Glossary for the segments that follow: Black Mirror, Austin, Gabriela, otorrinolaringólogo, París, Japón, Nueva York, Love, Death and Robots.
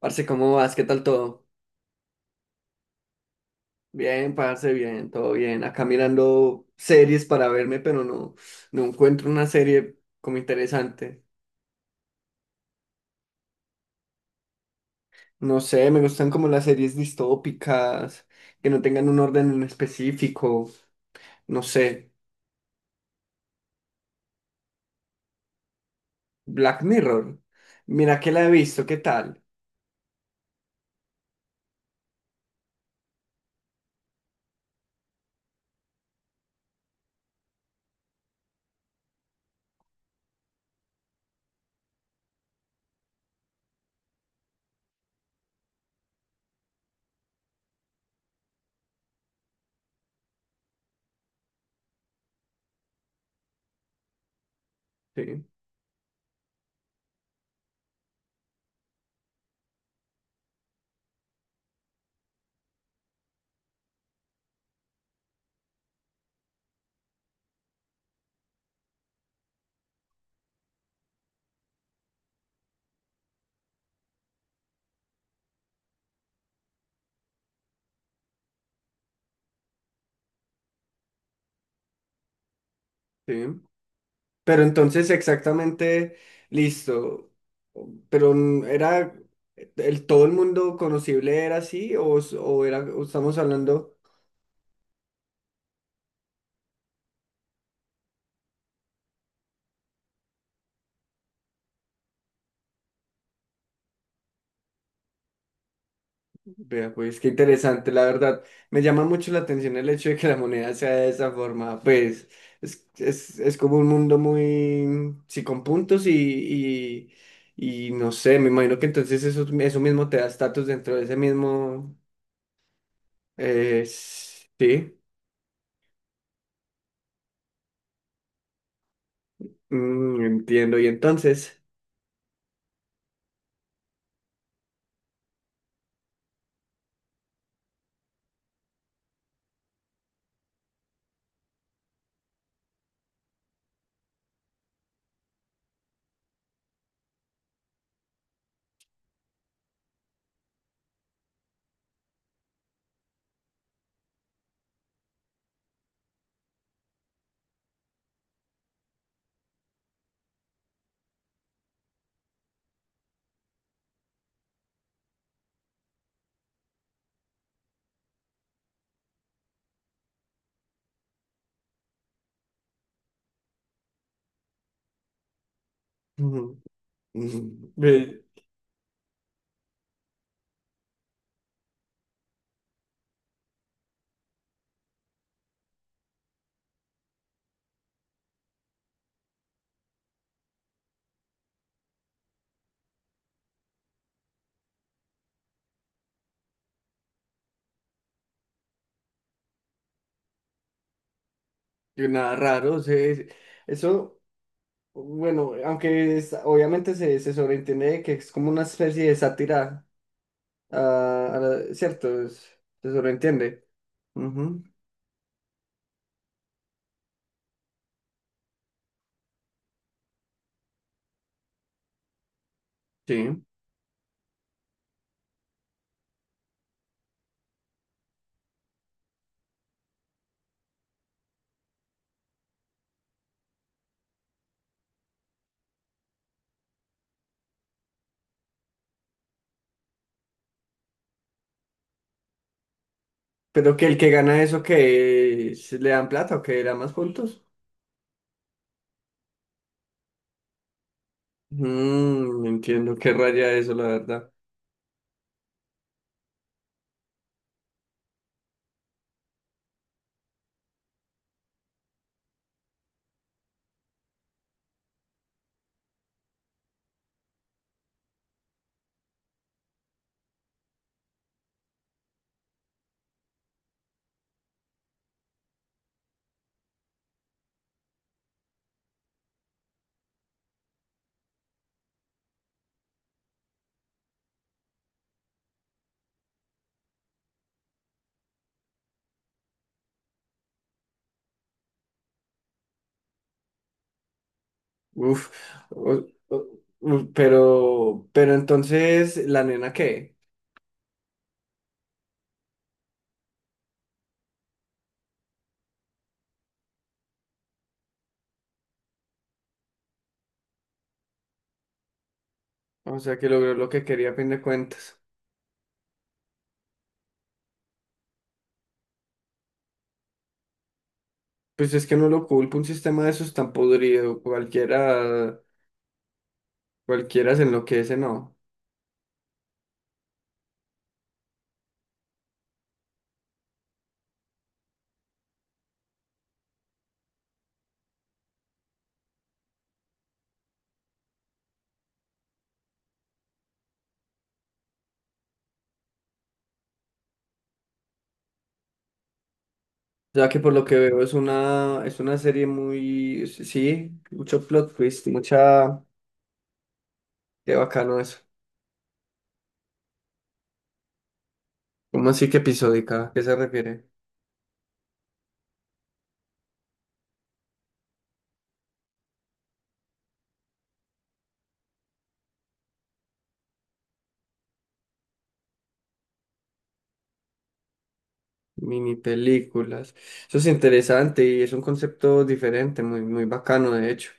Parce, ¿cómo vas? ¿Qué tal todo? Bien, parce, bien, todo bien. Acá mirando series para verme, pero no, no encuentro una serie como interesante. No sé, me gustan como las series distópicas, que no tengan un orden en específico. No sé, Black Mirror. Mira que la he visto, ¿qué tal? Sí, sí. Pero entonces exactamente, listo. Pero era, todo el mundo conocible era así o, o era, o estamos hablando. Vea, pues qué interesante, la verdad. Me llama mucho la atención el hecho de que la moneda sea de esa forma. Pues es como un mundo muy, sí, con puntos y, no sé, me imagino que entonces eso mismo te da estatus dentro de ese mismo, sí, mm, entiendo. Y entonces, ujú, ujú, ve, y nada raro, o sea, eso... Bueno, aunque obviamente se, se sobreentiende de que es como una especie de sátira cierto, se sobreentiende. Ujú, sí. Pero que el que gana eso, que le dan plata o que le dan más puntos. Mm, entiendo qué raya eso, la verdad. Uf, o- o- uf, pero entonces, ¿la nena qué? O sea, que logró lo que quería a fin de cuentas. Pues es que no lo culpa, un sistema de esos tan podrido, cualquiera, cualquiera se enloquece, no. Ya que por lo que veo es una serie muy, sí, sí, mucho plot twist, mucha, qué bacano eso. ¿Cómo así que episódica? ¿A ¿Qué se refiere? Mini películas. Eso es interesante y es un concepto diferente, muy, muy bacano de hecho.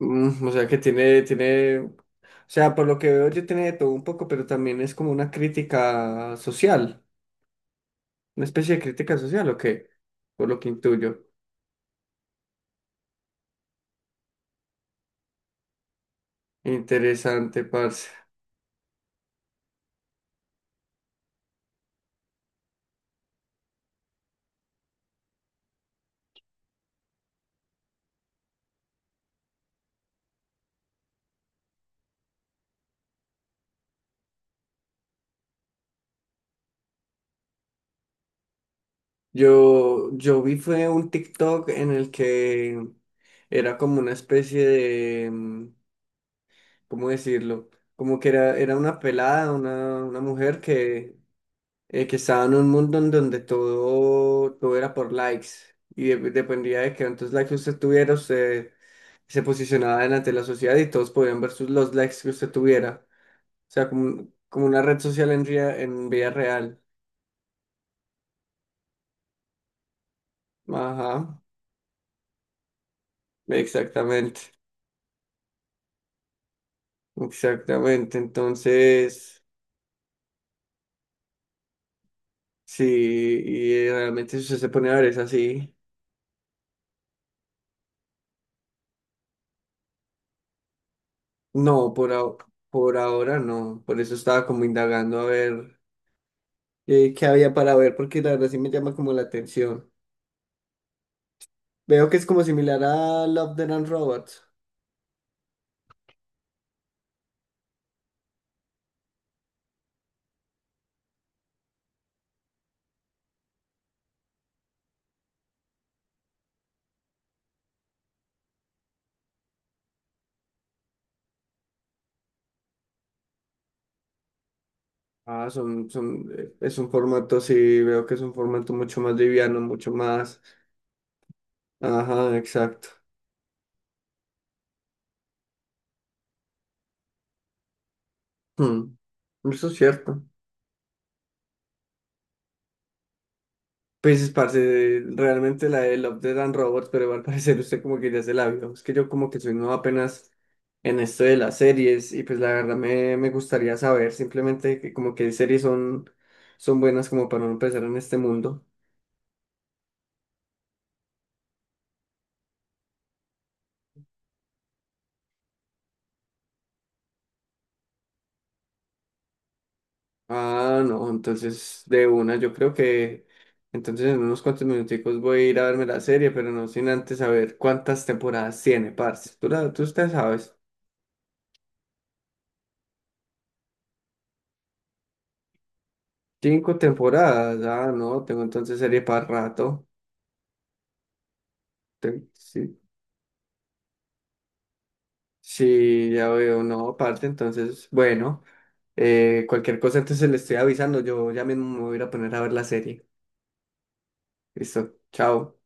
Mm, o sea que o sea, por lo que veo yo tiene de todo un poco, pero también es como una crítica social, una especie de crítica social, ¿o qué? Por lo que intuyo. Interesante, parce. Yo vi fue un TikTok en el que era como una especie de, mm, ¿cómo decirlo? Como que era una pelada, una mujer que estaba en un mundo en donde todo era por likes y dependía de que cuántos likes usted tuviera, usted se posicionaba delante de la sociedad y todos podían ver sus, los likes que usted tuviera. O sea, como, como una red social en, en vida real. Ajá, exactamente. Exactamente, entonces, sí, y realmente si usted se pone a ver es así. No, por ahora no, por eso estaba como indagando a ver qué había para ver, porque la verdad sí me llama como la atención. Veo que es como similar a Love, Death and Robots. Ah, es un formato, sí, veo que es un formato mucho más liviano, mucho más. Ajá, exacto. Hmm, eso es cierto. Pues, parce, realmente la de Love, Death and Robots, pero al parecer usted como que ya se la vio. Es que yo como que soy nuevo apenas en esto de las series y pues la verdad me gustaría saber simplemente que como que series son buenas como para no empezar en este mundo. Ah, no, entonces de una, yo creo que entonces en unos cuantos minuticos voy a ir a verme la serie, pero no sin antes saber cuántas temporadas tiene, parce. Tú usted sabes. Cinco temporadas, ah, no, tengo entonces serie para rato. Sí, sí, ya veo, no, aparte, entonces, bueno, cualquier cosa entonces le estoy avisando, yo ya mismo me voy a ir a poner a ver la serie. Listo, chao.